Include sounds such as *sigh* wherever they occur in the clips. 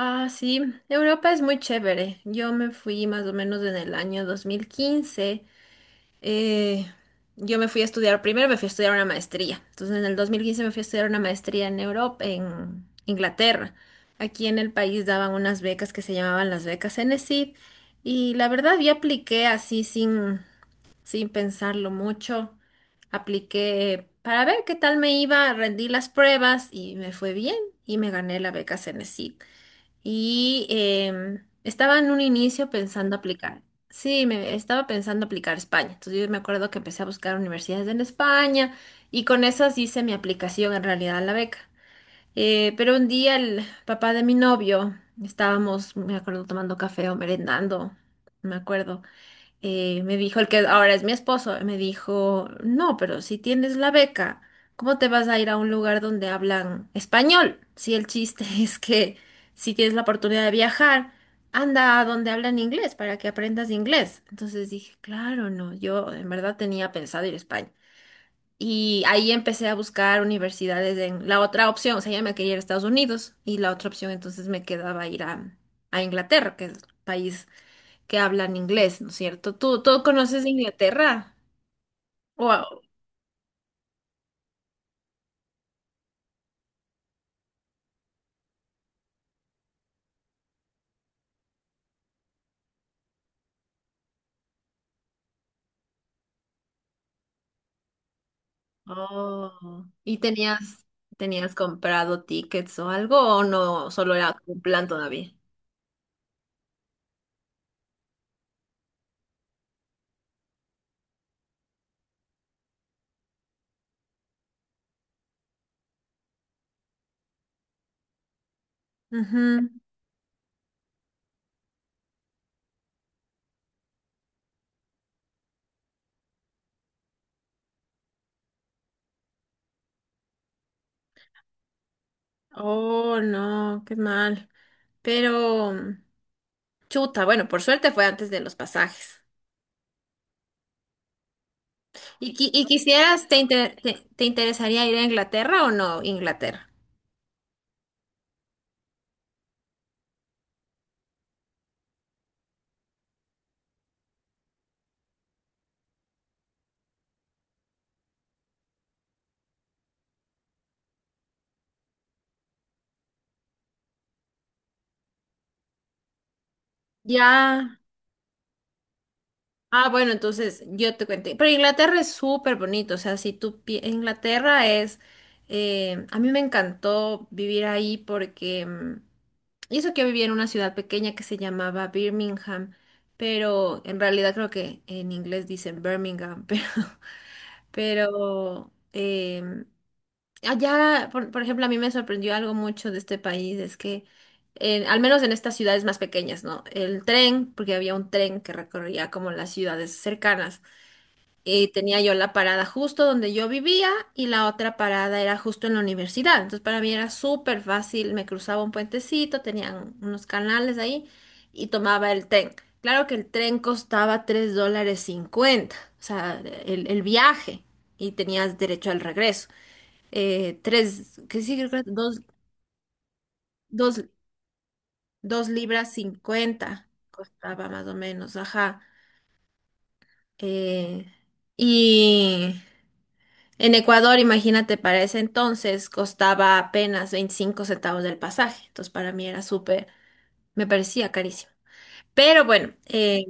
Ah, sí, Europa es muy chévere. Yo me fui más o menos en el año 2015. eh, yo me fui a estudiar, primero me fui a estudiar una maestría. Entonces en el 2015 me fui a estudiar una maestría en Europa, en Inglaterra. Aquí en el país daban unas becas que se llamaban las becas enesid y la verdad yo apliqué así sin pensarlo mucho. Apliqué para ver qué tal me iba, rendí las pruebas y me fue bien y me gané la beca CNESID y estaba en un inicio pensando aplicar. Sí, me estaba pensando aplicar a España. Entonces yo me acuerdo que empecé a buscar universidades en España y con esas hice mi aplicación en realidad a la beca. Pero un día el papá de mi novio, estábamos, me acuerdo, tomando café o merendando, me acuerdo me dijo el que ahora es mi esposo, me dijo, no, pero si tienes la beca, ¿cómo te vas a ir a un lugar donde hablan español? Si el chiste *laughs* es que si tienes la oportunidad de viajar, anda a donde hablan inglés para que aprendas inglés. Entonces dije, claro, no, yo en verdad tenía pensado ir a España. Y ahí empecé a buscar universidades en la otra opción, o sea, ya me quería ir a Estados Unidos y la otra opción entonces me quedaba ir a Inglaterra, que es país que hablan inglés, ¿no es cierto? ¿Tú conoces Inglaterra? Wow. Oh. ¿Y tenías comprado tickets o algo o no, solo era como un plan todavía? Ujú. Oh, no, qué mal. Pero, chuta, bueno, por suerte fue antes de los pasajes. ¿Y, y quisieras, te, te te interesaría ir a Inglaterra o no, Inglaterra? Ya. Ah, bueno, entonces yo te cuento. Pero Inglaterra es súper bonito, o sea, si tú... pi- Inglaterra es... a mí me encantó vivir ahí porque... y eso que yo vivía en una ciudad pequeña que se llamaba Birmingham, pero en realidad creo que en inglés dicen Birmingham, *laughs* pero, allá, por ejemplo, a mí me sorprendió algo mucho de este país, es que al menos en estas ciudades más pequeñas, ¿no? El tren, porque había un tren que recorría como las ciudades cercanas, tenía yo la parada justo donde yo vivía y la otra parada era justo en la universidad. Entonces para mí era súper fácil, me cruzaba un puentecito, tenían unos canales ahí y tomaba el tren. Claro que el tren costaba $3.50, o sea, el viaje, y tenías derecho al regreso. Tres, que sí, creo que dos, dos, dos libras 50 costaba más o menos, ajá. Eh, y en Ecuador, imagínate, para ese entonces costaba apenas 25 centavos del pasaje. Entonces, para mí era súper, me parecía carísimo. Pero bueno,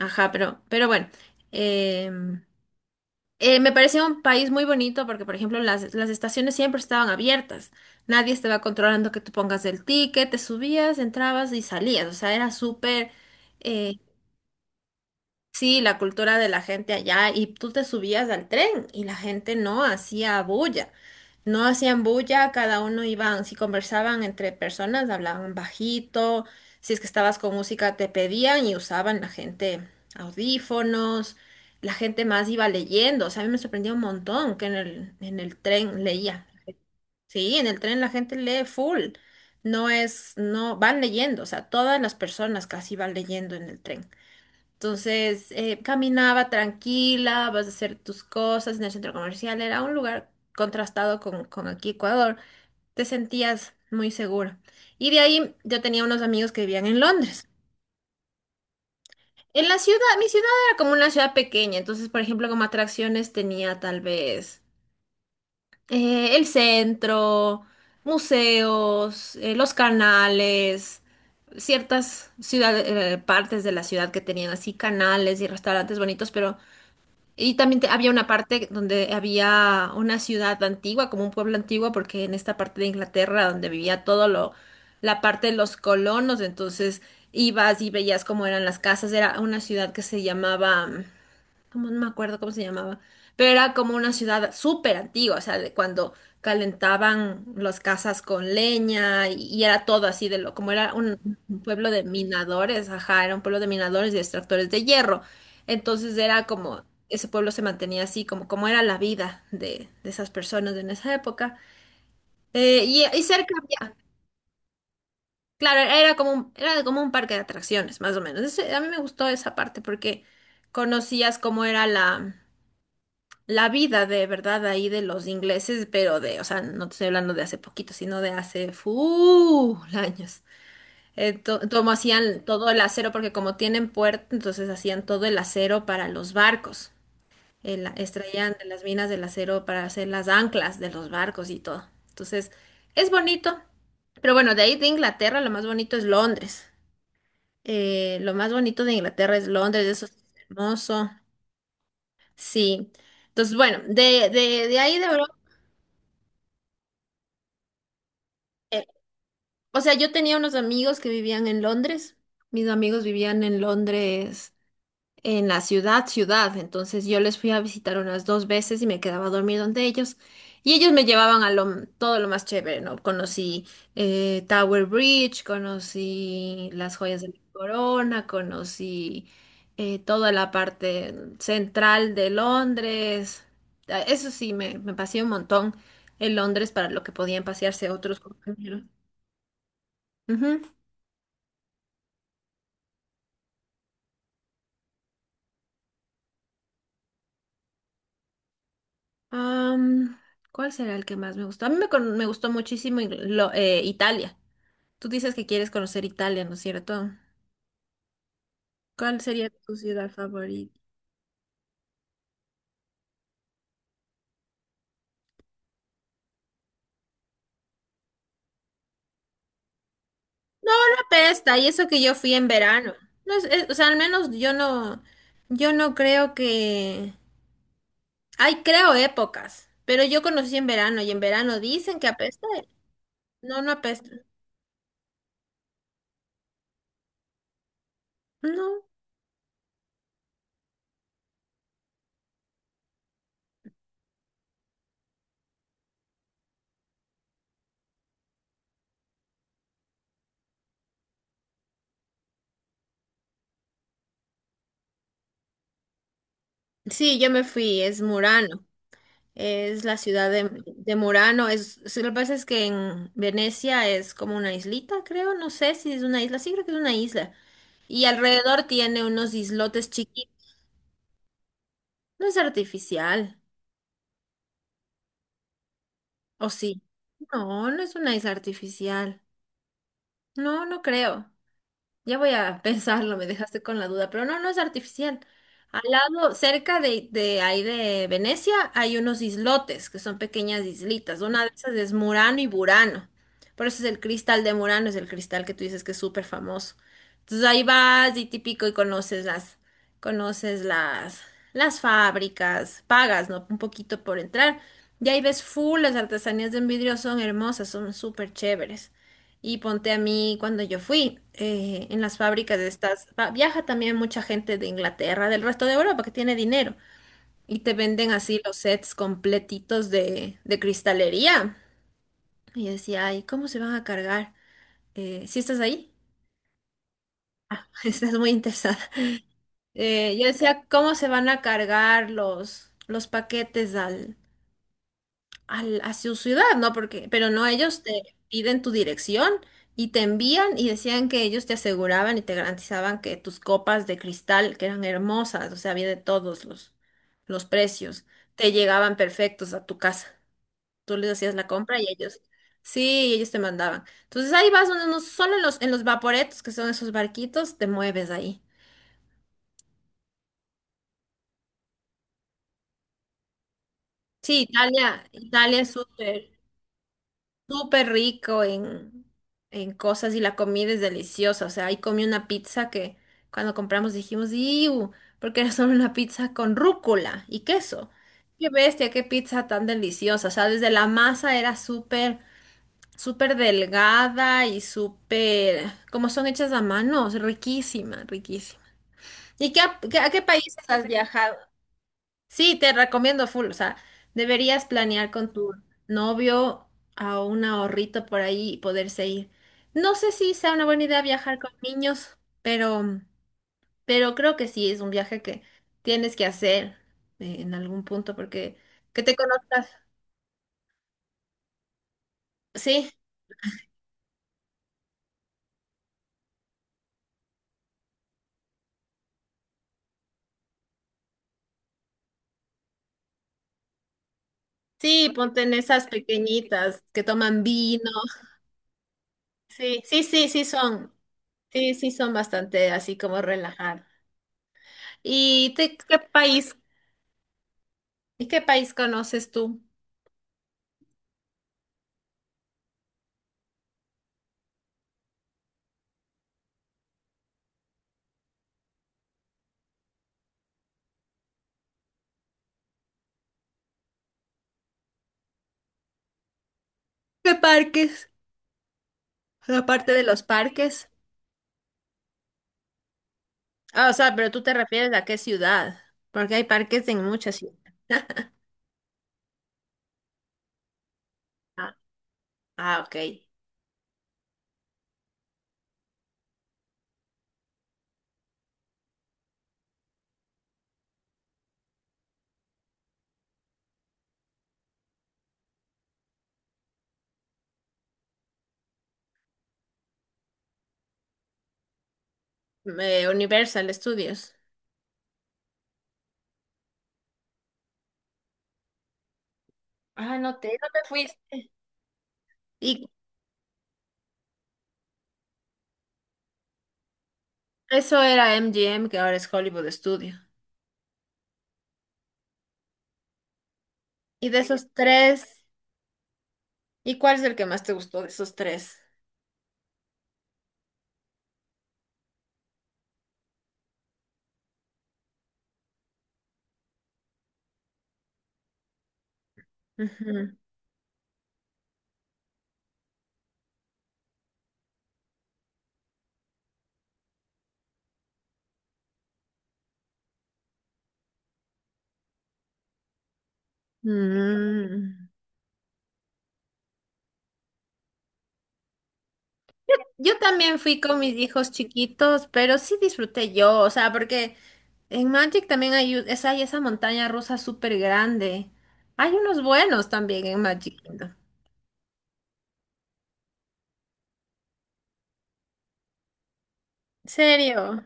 ajá, pero, bueno, eh, me parecía un país muy bonito porque, por ejemplo, las estaciones siempre estaban abiertas. Nadie estaba controlando que tú pongas el ticket, te subías, entrabas y salías. O sea, era súper, eh, sí, la cultura de la gente allá, y tú te subías al tren y la gente no hacía bulla, no hacían bulla, cada uno iban, si conversaban entre personas, hablaban bajito, si es que estabas con música te pedían y usaban la gente audífonos, la gente más iba leyendo, o sea, a mí me sorprendía un montón que en el tren leía, sí, en el tren la gente lee full, no es, no, van leyendo, o sea, todas las personas casi van leyendo en el tren. Entonces, caminaba tranquila, vas a hacer tus cosas en el centro comercial. Era un lugar contrastado con aquí Ecuador. Te sentías muy seguro. Y de ahí yo tenía unos amigos que vivían en Londres. En la ciudad, mi ciudad era como una ciudad pequeña. Entonces, por ejemplo, como atracciones tenía tal vez el centro, museos, los canales, ciertas ciudades, partes de la ciudad que tenían así canales y restaurantes bonitos, pero y también había una parte donde había una ciudad antigua, como un pueblo antiguo, porque en esta parte de Inglaterra donde vivía todo lo, la parte de los colonos, entonces ibas y veías cómo eran las casas. Era una ciudad que se llamaba, como no me acuerdo cómo se llamaba, pero era como una ciudad súper antigua, o sea, de cuando calentaban las casas con leña, y era todo así de lo, como era un pueblo de minadores, ajá, era un pueblo de minadores y extractores de hierro. Entonces era como, ese pueblo se mantenía así, como era la vida de esas personas en esa época. Y cerca había, claro, era como un parque de atracciones, más o menos. A mí me gustó esa parte porque conocías cómo era la vida de verdad ahí de los ingleses, pero de, o sea, no te estoy hablando de hace poquito, sino de hace full *laughs* años. Como hacían todo el acero, porque como tienen puerto, entonces hacían todo el acero para los barcos. Extraían de las minas del acero para hacer las anclas de los barcos y todo. Entonces, es bonito. Pero bueno, de ahí de Inglaterra lo más bonito es Londres. Lo más bonito de Inglaterra es Londres, eso es hermoso. Sí. Entonces, bueno, de ahí de Europa. O sea, yo tenía unos amigos que vivían en Londres. Mis amigos vivían en Londres, en la ciudad, ciudad. Entonces yo les fui a visitar unas dos veces y me quedaba a dormir donde ellos. Y ellos me llevaban a lo, todo lo más chévere, ¿no? Conocí Tower Bridge, conocí las joyas de la corona, conocí toda la parte central de Londres. Ah, eso sí, me paseé un montón en Londres para lo que podían pasearse otros compañeros. Ujú. Am, ¿Cuál será el que más me gustó? A mí me gustó muchísimo Italia. Tú dices que quieres conocer Italia, ¿no es cierto? ¿Cuál sería tu ciudad favorita? Pesta, y eso que yo fui en verano. No es- es- O sea, al menos yo no, yo no creo que... Ay, creo épocas, pero yo conocí en verano y en verano dicen que apesta. No, no apesta. No. Sí, yo me fui, es Murano. Es la ciudad de Murano. Es, sí, lo que pasa es que en Venecia es como una islita, creo. No sé si es una isla. Sí, creo que es una isla. Y alrededor tiene unos islotes chiquitos. No es artificial. ¿O sí? No, no es una isla artificial. No, no creo. Ya voy a *laughs* pensarlo, me dejaste con la duda, pero no, no es artificial. Al lado, cerca de ahí de Venecia, hay unos islotes, que son pequeñas islitas. Una de esas es Murano y Burano. Por eso es el cristal de Murano, es el cristal que tú dices que es súper famoso. Entonces ahí vas y típico y conoces las fábricas, pagas, ¿no? Un poquito por entrar. Y ahí ves full, las artesanías de vidrio son hermosas, son súper chéveres. Y ponte, a mí cuando yo fui en las fábricas de estas, viaja también mucha gente de Inglaterra, del resto de Europa que tiene dinero, y te venden así los sets completitos de cristalería. Y yo decía, ay, ¿cómo se van a cargar? ¿Sí estás ahí? *laughs* Estás muy interesada. Yo decía, ¿cómo se van a cargar los paquetes al a su ciudad, ¿no? Porque, pero no, ellos te piden tu dirección y te envían, y decían que ellos te aseguraban y te garantizaban que tus copas de cristal, que eran hermosas, o sea, había de todos los precios, te llegaban perfectos a tu casa. Tú les hacías la compra y ellos, sí, ellos te mandaban. Entonces ahí vas, uno, no, solo en los vaporetos, que son esos barquitos, te mueves ahí. Sí, Italia, Italia es súper, súper rico en cosas, y la comida es deliciosa. O sea, ahí comí una pizza que cuando compramos dijimos, ¡iu! Porque era solo una pizza con rúcula y queso. ¡Qué bestia! ¡Qué pizza tan deliciosa! O sea, desde la masa era súper, súper delgada y súper, como son hechas a mano, riquísima, riquísima. ¿Y qué, a qué países has viajado? Sí, te recomiendo full, o sea, deberías planear con tu novio a un ahorrito por ahí y poderse ir. No sé si sea una buena idea viajar con niños, pero, creo que sí es un viaje que tienes que hacer en algún punto porque que te conozcas. Sí, sí, ponte en esas pequeñitas que toman vino. Sí, sí, sí, sí son bastante así como relajadas. Qué y qué país conoces tú? ¿Qué parques? Aparte de los parques. Ah, o sea, pero tú te refieres a qué ciudad. Porque hay parques en muchas ciudades. Ah, ok. Universal Studios. Ah, no te fuiste. Y eso era MGM, que ahora es Hollywood Studio. Y de esos tres, ¿y cuál es el que más te gustó de esos tres? Ujú. Mm. Yo también fui con mis hijos chiquitos, pero sí disfruté yo, o sea, porque en Magic también hay esa montaña rusa súper grande. Hay unos buenos también en Magic Kingdom. ¿En serio?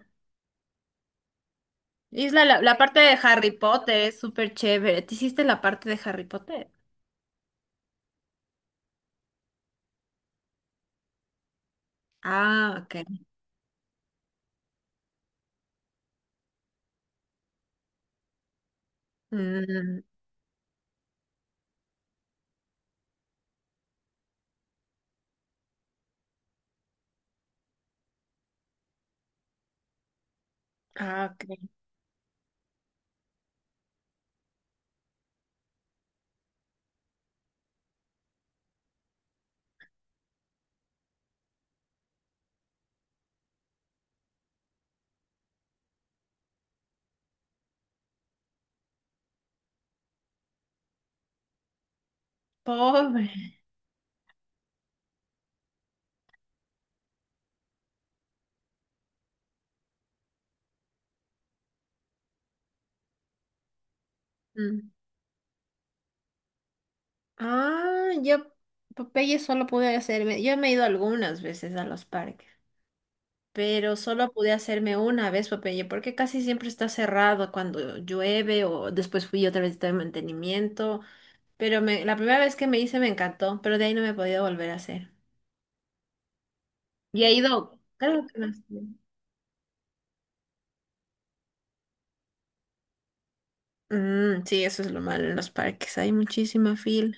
La, la parte de Harry Potter es súper chévere. ¿Te hiciste la parte de Harry Potter? Ah, ok. Mm, ah, ok. Pobre. Mm. Ah, yo Popeye solo pude hacerme, yo me he ido algunas veces a los parques. Pero solo pude hacerme una vez, Popeye, porque casi siempre está cerrado cuando llueve o después fui otra vez de mantenimiento, pero la primera vez que me hice me encantó, pero de ahí no me he podido volver a hacer. Y ha ido, claro que no. Es bien. Mm, sí, eso es lo malo en los parques, hay muchísima fila.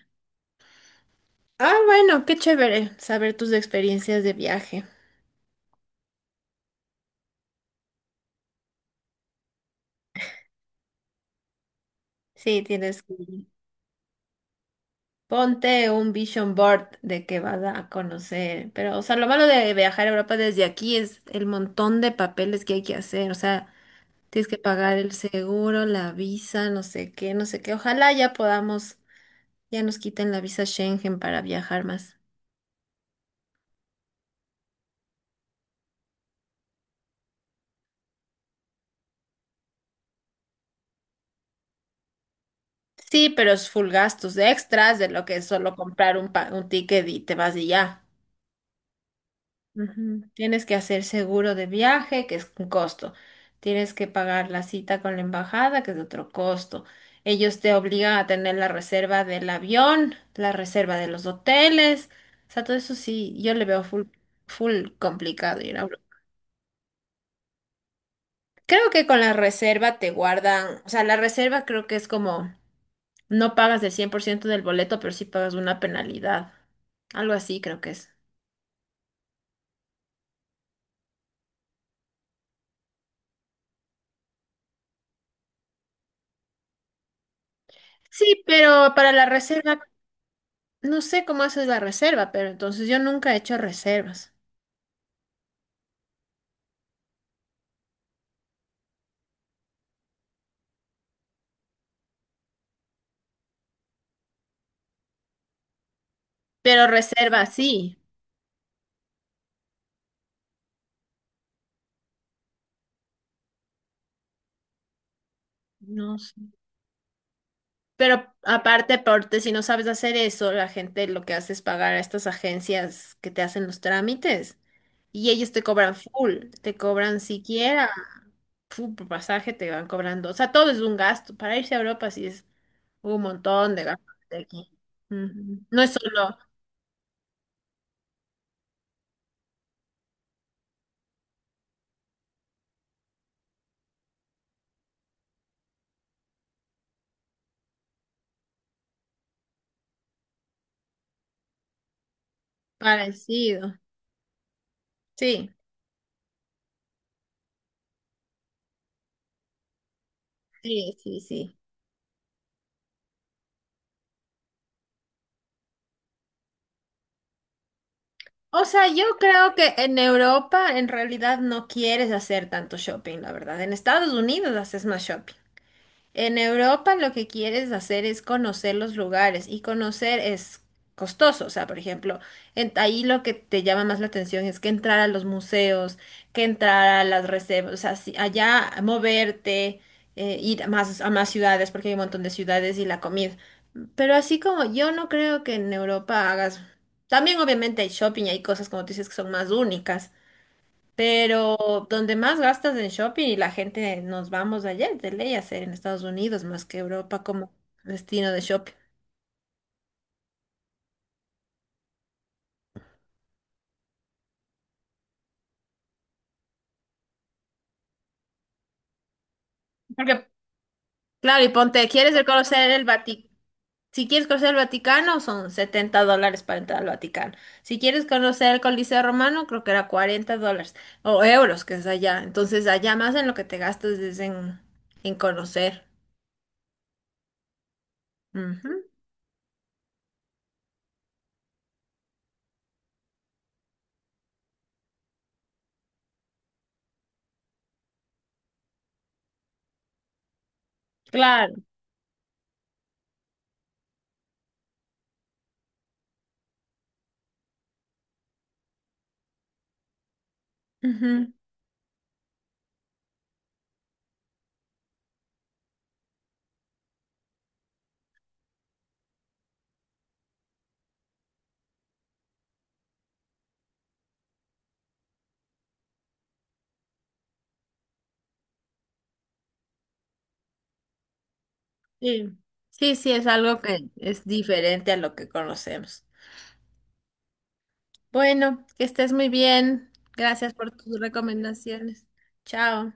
Ah, bueno, qué chévere saber tus experiencias de viaje. Sí, tienes que ir. Ponte un vision board de que vas a conocer, pero, o sea, lo malo de viajar a Europa desde aquí es el montón de papeles que hay que hacer, o sea, tienes que pagar el seguro, la visa, no sé qué, no sé qué. Ojalá ya podamos, ya nos quiten la visa Schengen para viajar más. Sí, pero es full gastos de extras de lo que es solo comprar un ticket y te vas y ya. Ujú. Tienes que hacer seguro de viaje, que es un costo. Tienes que pagar la cita con la embajada, que es otro costo. Ellos te obligan a tener la reserva del avión, la reserva de los hoteles. O sea, todo eso sí, yo le veo full complicado ir a Europa. Creo que con la reserva te guardan, o sea, la reserva creo que es como, no pagas el 100% del boleto, pero sí pagas una penalidad. Algo así creo que es. Sí, pero para la reserva. No sé cómo haces la reserva, pero entonces yo nunca he hecho reservas. Pero reserva sí. No sé. Pero aparte, si no sabes hacer eso, la gente lo que hace es pagar a estas agencias que te hacen los trámites. Y ellos te cobran full, te cobran siquiera full por pasaje, te van cobrando. O sea, todo es un gasto. Para irse a Europa sí es un montón de gastos de aquí. Ujú. No es solo parecido. Sí, sí, sí, sí. O sea, yo creo que en Europa en realidad no quieres hacer tanto shopping, la verdad. En Estados Unidos haces más shopping. En Europa lo que quieres hacer es conocer los lugares y conocer es costoso. O sea, por ejemplo, ahí lo que te llama más la atención es que entrar a los museos, que entrar a las reservas, o sea, allá moverte, ir a a más ciudades porque hay un montón de ciudades y la comida. Pero así como yo no creo que en Europa hagas. También obviamente hay shopping y hay cosas como tú dices que son más únicas. Pero donde más gastas en shopping y la gente nos vamos allá, de ley a hacer en Estados Unidos más que Europa como destino de shopping. Porque, claro, y ponte, ¿quieres el conocer el Vaticano? Si quieres conocer el Vaticano, son $70 para entrar al Vaticano. Si quieres conocer el Coliseo Romano, creo que era $40 o euros, que es allá. Entonces, allá más en lo que te gastas es en conocer. Ujú. Claro. Ujú. Sí. Sí, sí, es algo que es diferente a lo que conocemos. Bueno, que estés muy bien. Gracias por tus recomendaciones. Chao.